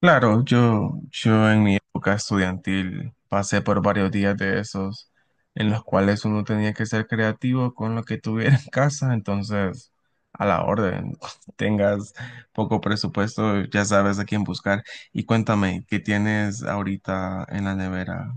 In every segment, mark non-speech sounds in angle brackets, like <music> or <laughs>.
Claro, yo en mi época estudiantil pasé por varios días de esos en los cuales uno tenía que ser creativo con lo que tuviera <laughs> en casa, entonces a la orden, <laughs> tengas poco presupuesto, ya sabes a quién buscar. Y cuéntame, ¿qué tienes ahorita en la nevera?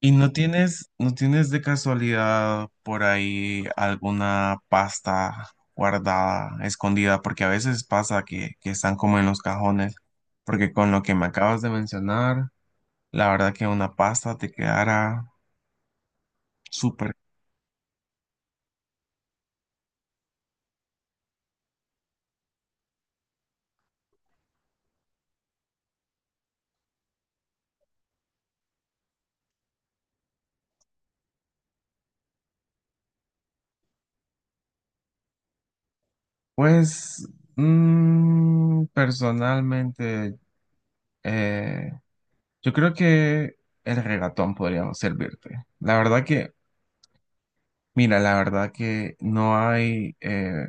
¿Y no tienes de casualidad por ahí alguna pasta guardada, escondida? Porque a veces pasa que están como en los cajones. Porque con lo que me acabas de mencionar, la verdad que una pasta te quedará súper. Pues, personalmente, eh, yo creo que el regatón podría servirte. La verdad que Mira, la verdad que no hay,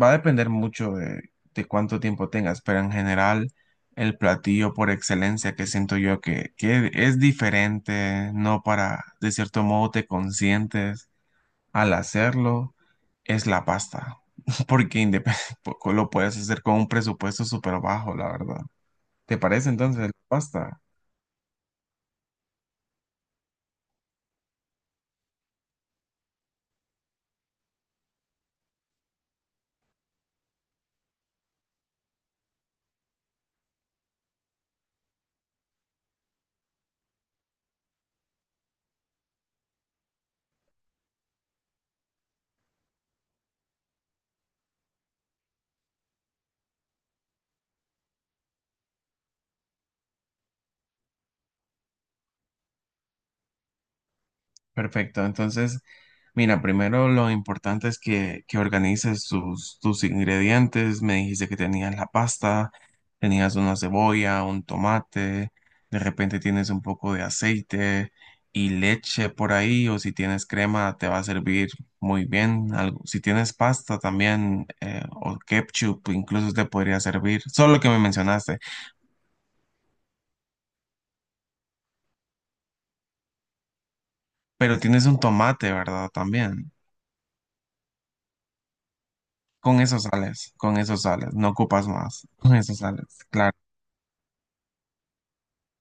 va a depender mucho de cuánto tiempo tengas, pero en general el platillo por excelencia que siento yo que es diferente, no para, de cierto modo te consientes al hacerlo, es la pasta, <laughs> porque <laughs> lo puedes hacer con un presupuesto súper bajo, la verdad. ¿Te parece entonces la pasta? Perfecto. Entonces, mira, primero lo importante es que organices tus ingredientes. Me dijiste que tenías la pasta, tenías una cebolla, un tomate, de repente tienes un poco de aceite y leche por ahí, o si tienes crema te va a servir muy bien. Algo, si tienes pasta también, o ketchup, incluso te podría servir. Solo lo que me mencionaste. Pero tienes un tomate, ¿verdad? También. Con eso sales, no ocupas más, con eso sales, claro.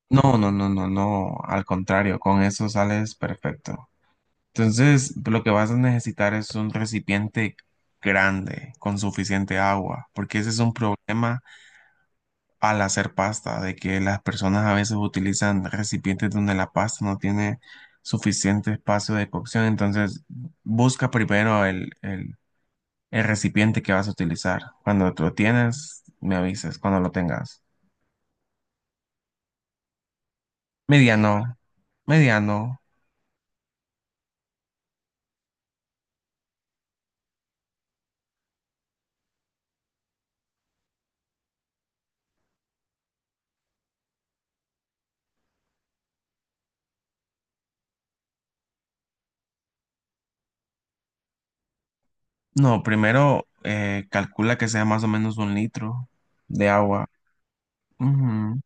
No, no, no, no, no, al contrario, con eso sales perfecto. Entonces, lo que vas a necesitar es un recipiente grande, con suficiente agua, porque ese es un problema al hacer pasta, de que las personas a veces utilizan recipientes donde la pasta no tiene suficiente espacio de cocción, entonces busca primero el recipiente que vas a utilizar. Cuando tú lo tienes, me avisas, cuando lo tengas. Mediano, mediano. No, primero calcula que sea más o menos 1 litro de agua. Ujú.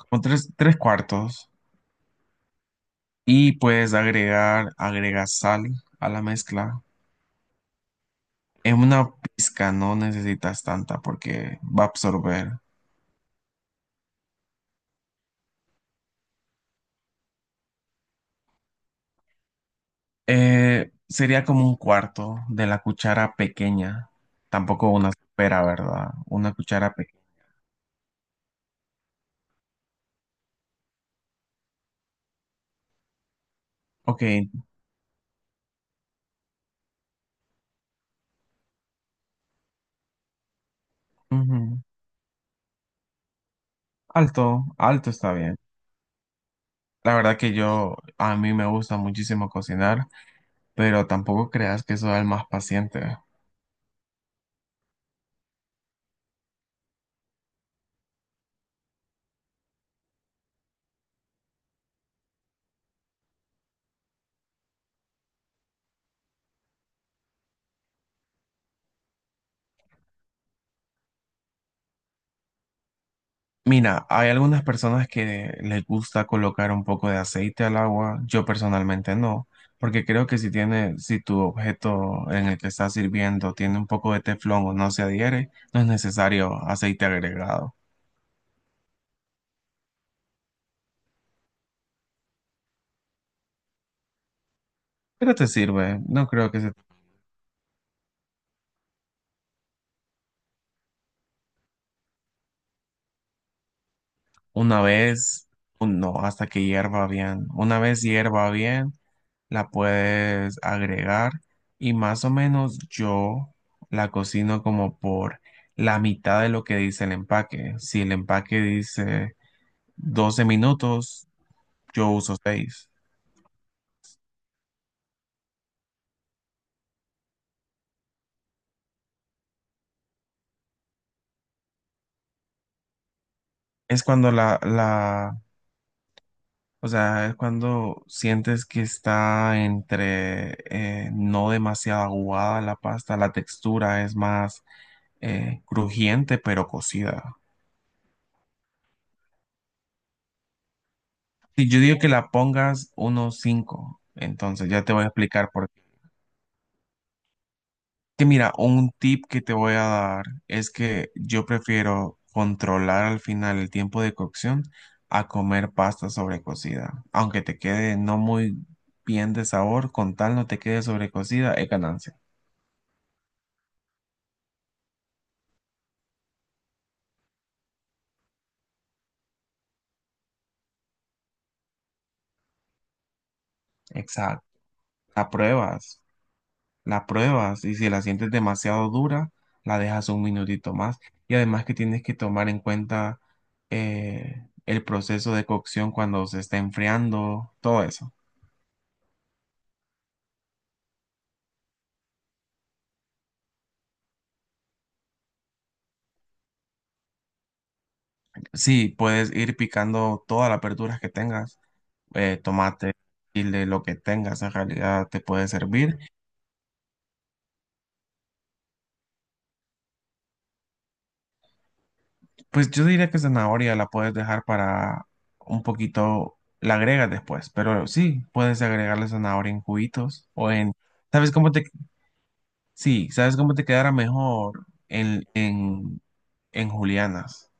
Como tres cuartos. Y puedes agregar, agrega sal a la mezcla. En una pizca no necesitas tanta porque va a absorber. Sería como un cuarto de la cuchara pequeña. Tampoco una supera, ¿verdad? Una cuchara pequeña. Ok. Ujú. Alto, alto está bien. La verdad que yo, a mí me gusta muchísimo cocinar, pero tampoco creas que soy el más paciente. Mira, hay algunas personas que les gusta colocar un poco de aceite al agua, yo personalmente no, porque creo que si tiene, si tu objeto en el que estás sirviendo tiene un poco de teflón o no se adhiere, no es necesario aceite agregado. Pero te sirve, no creo que se... Una vez, no, hasta que hierva bien. Una vez hierva bien la puedes agregar y más o menos yo la cocino como por la mitad de lo que dice el empaque. Si el empaque dice 12 minutos, yo uso seis. Es cuando la, o sea, es cuando sientes que está entre no demasiado aguada la pasta, la textura es más crujiente pero cocida. Si yo digo que la pongas unos 5 entonces ya te voy a explicar por. Que mira, un tip que te voy a dar es que yo prefiero controlar al final el tiempo de cocción a comer pasta sobrecocida. Aunque te quede no muy bien de sabor, con tal no te quede sobrecocida, es ganancia. Exacto. La pruebas, la pruebas y si la sientes demasiado dura, la dejas un minutito más. Y además que tienes que tomar en cuenta el proceso de cocción cuando se está enfriando, todo eso. Sí, puedes ir picando todas las verduras que tengas, tomate, chile, lo que tengas en realidad te puede servir. Pues yo diría que zanahoria la puedes dejar para un poquito, la agregas después, pero sí, puedes agregarle zanahoria en juguitos o en, ¿sabes cómo te, sí, sabes cómo te quedará mejor en, en julianas?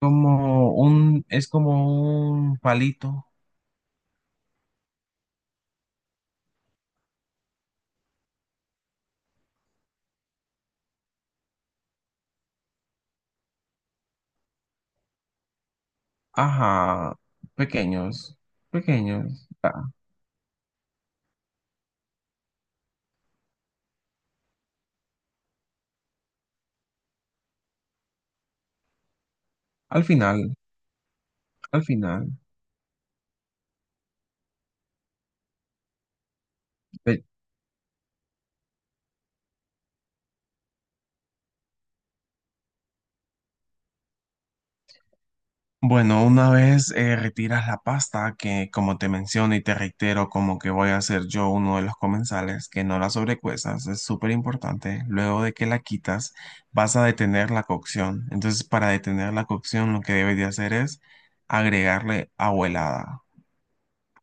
Como un, es como un palito, ajá, pequeños, pequeños, ah, al final. al final. eh, Bueno, una vez retiras la pasta, que como te menciono y te reitero, como que voy a ser yo uno de los comensales, que no la sobrecuezas, es súper importante. Luego de que la quitas, vas a detener la cocción. Entonces, para detener la cocción, lo que debes de hacer es agregarle agua helada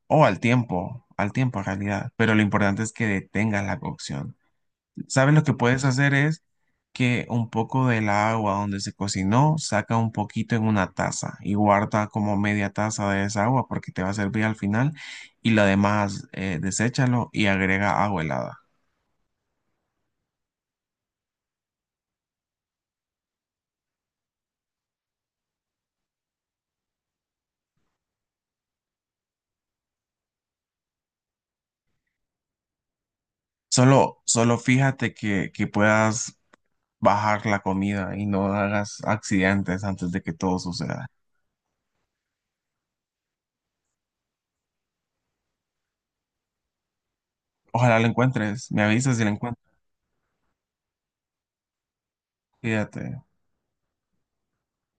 o al tiempo en realidad. Pero lo importante es que detengas la cocción. ¿Sabes lo que puedes hacer es que un poco del agua donde se cocinó, saca un poquito en una taza y guarda como media taza de esa agua porque te va a servir al final y lo demás deséchalo y agrega agua helada. Solo fíjate que puedas bajar la comida y no hagas accidentes antes de que todo suceda. Ojalá lo encuentres, me avisas si lo encuentras, fíjate.